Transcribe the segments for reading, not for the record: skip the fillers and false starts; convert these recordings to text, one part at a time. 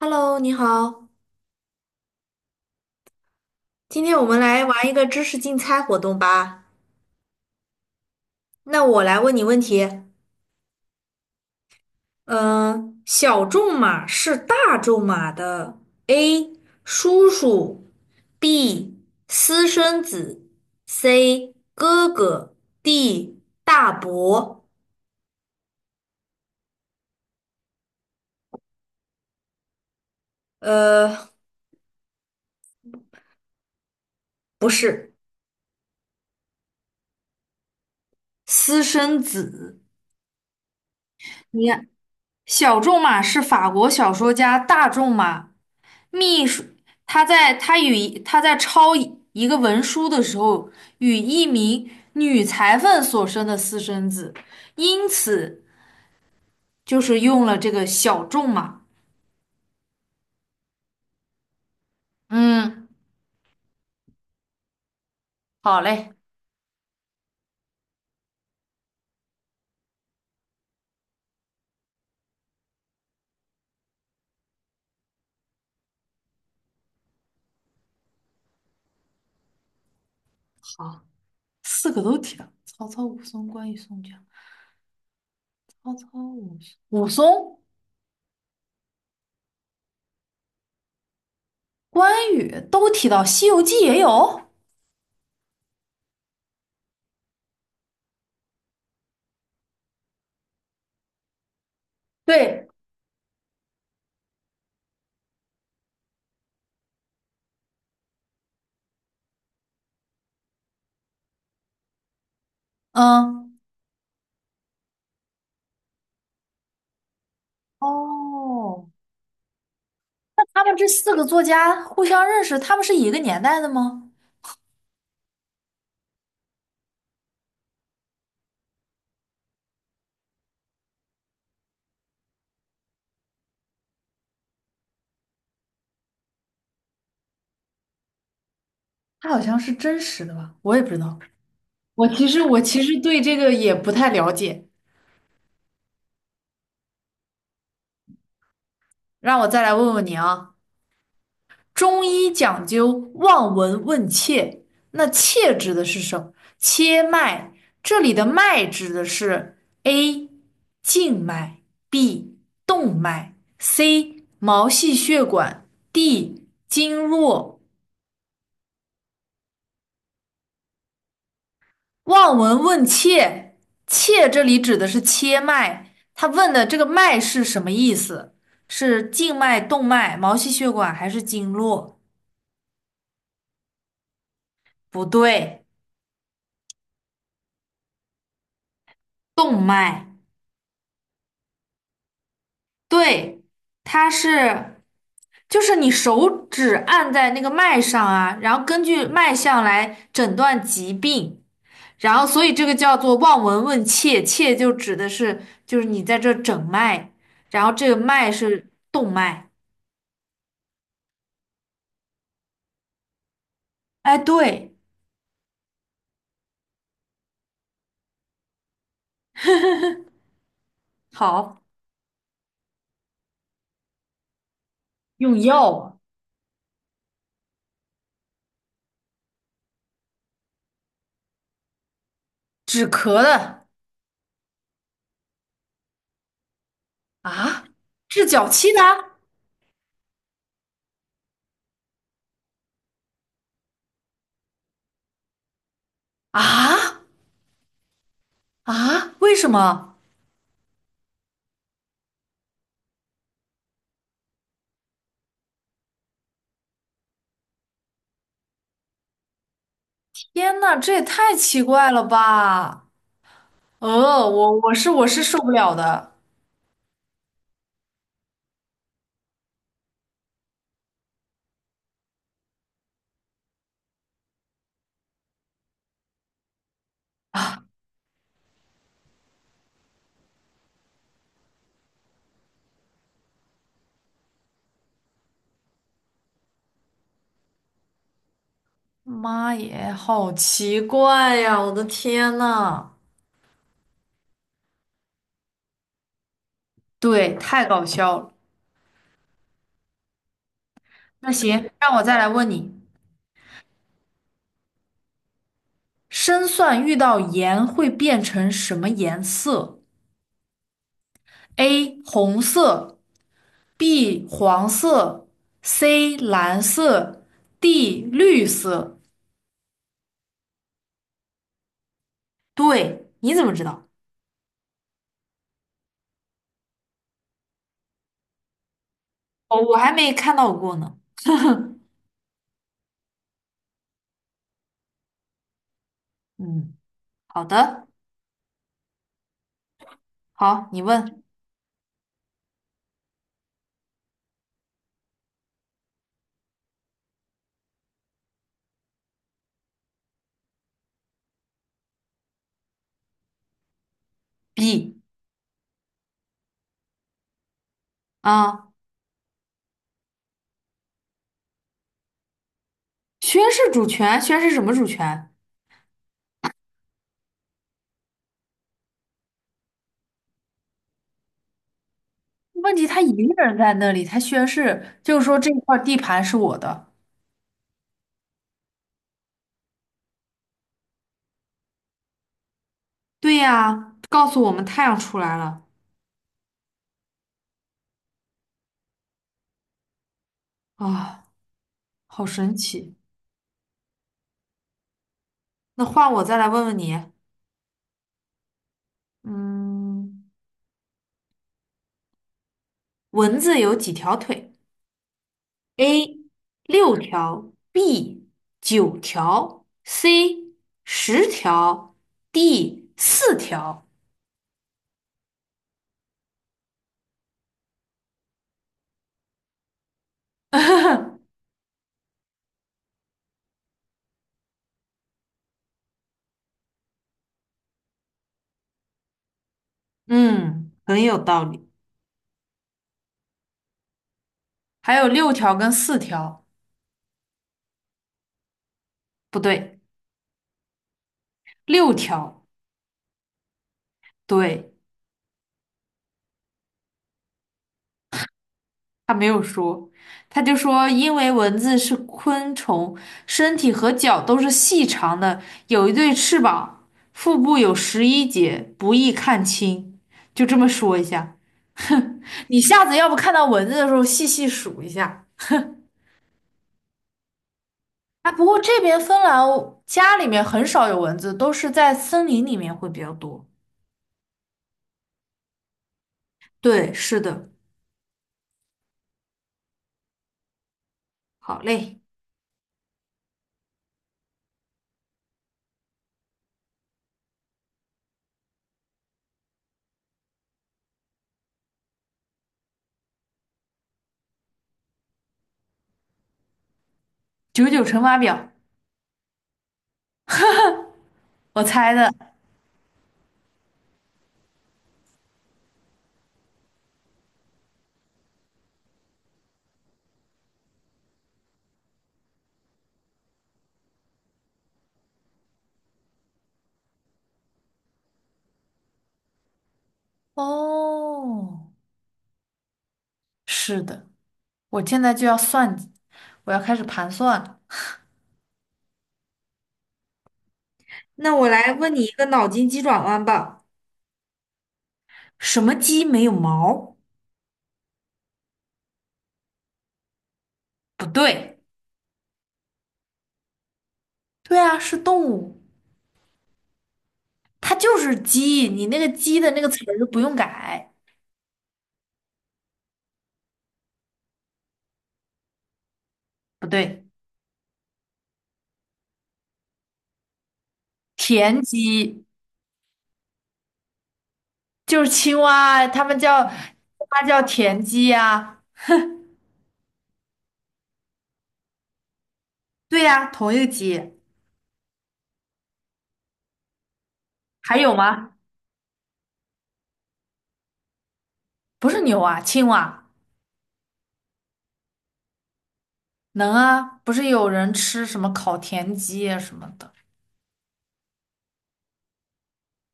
Hello，你好，今天我们来玩一个知识竞猜活动吧。那我来问你问题，嗯、小众马是大众马的 A 叔叔，B 私生子，C 哥哥，D 大伯。呃，不是私生子。你看，小众马是法国小说家大仲马秘书，他在抄一个文书的时候，与一名女裁缝所生的私生子，因此就是用了这个小仲嘛。嗯，好嘞，好，四个都提到，曹操、武松、关羽、宋江。曹操、武松、关羽都提到，《西游记》也有。对，嗯，哦，他们这四个作家互相认识，他们是一个年代的吗？它好像是真实的吧？我也不知道。我其实对这个也不太了解，让我再来问问你啊。中医讲究望闻问切，那切指的是什么？切脉，这里的脉指的是 A 静脉，B 动脉，C 毛细血管，D 经络。望闻问切，切这里指的是切脉，他问的这个脉是什么意思？是静脉、动脉、毛细血管还是经络？不对，动脉。对，它是，就是你手指按在那个脉上啊，然后根据脉象来诊断疾病，然后所以这个叫做望闻问切，切就指的是就是你在这诊脉，然后这个脉是动脉。哎，对。好，用药啊，止咳的啊，治脚气的啊。啊，为什么？天呐，这也太奇怪了吧！我是受不了的。妈耶，好奇怪呀！我的天呐，对，太搞笑了。那行，让我再来问你，生蒜遇到盐会变成什么颜色？A. 红色 B 黄色，C 蓝色，D 绿色。对，你怎么知道？哦，我还没看到过呢。嗯，好的，好，你问 B 啊，宣誓主权，宣誓什么主权？问题他一个人在那里，他宣誓，就是说这块地盘是我的。对呀，告诉我们太阳出来了啊，好神奇。那换我再来问问你，嗯，蚊子有几条腿？A 六条，B 九条，C 十条，D 四条。嗯，很有道理。还有六条跟四条，不对，六条，对。他没有说，他就说因为蚊子是昆虫，身体和脚都是细长的，有一对翅膀，腹部有11节，不易看清。就这么说一下，哼，你下次要不看到蚊子的时候细细数一下。啊，不过这边芬兰家里面很少有蚊子，都是在森林里面会比较多。对，是的，好嘞，九九乘法表，我猜的。哦，是的。我现在就要算计，我要开始盘算了。那我来问你一个脑筋急转弯吧。什么鸡没有毛？不对，对啊，是动物，它就是鸡。你那个鸡的那个词儿不用改，不对，田鸡就是青蛙，它叫田鸡呀、对呀、同一个鸡。还有吗？不是牛啊，青蛙能啊，不是有人吃什么烤田鸡啊什么的。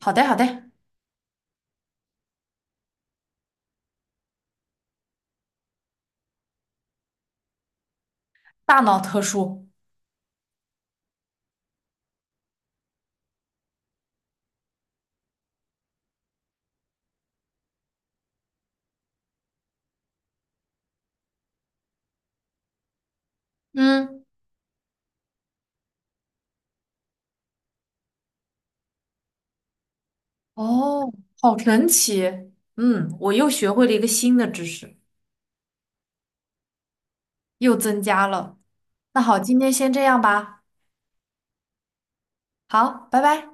好的，好的，大脑特殊。嗯。哦，好神奇！嗯，我又学会了一个新的知识，又增加了。那好，今天先这样吧。好，拜拜。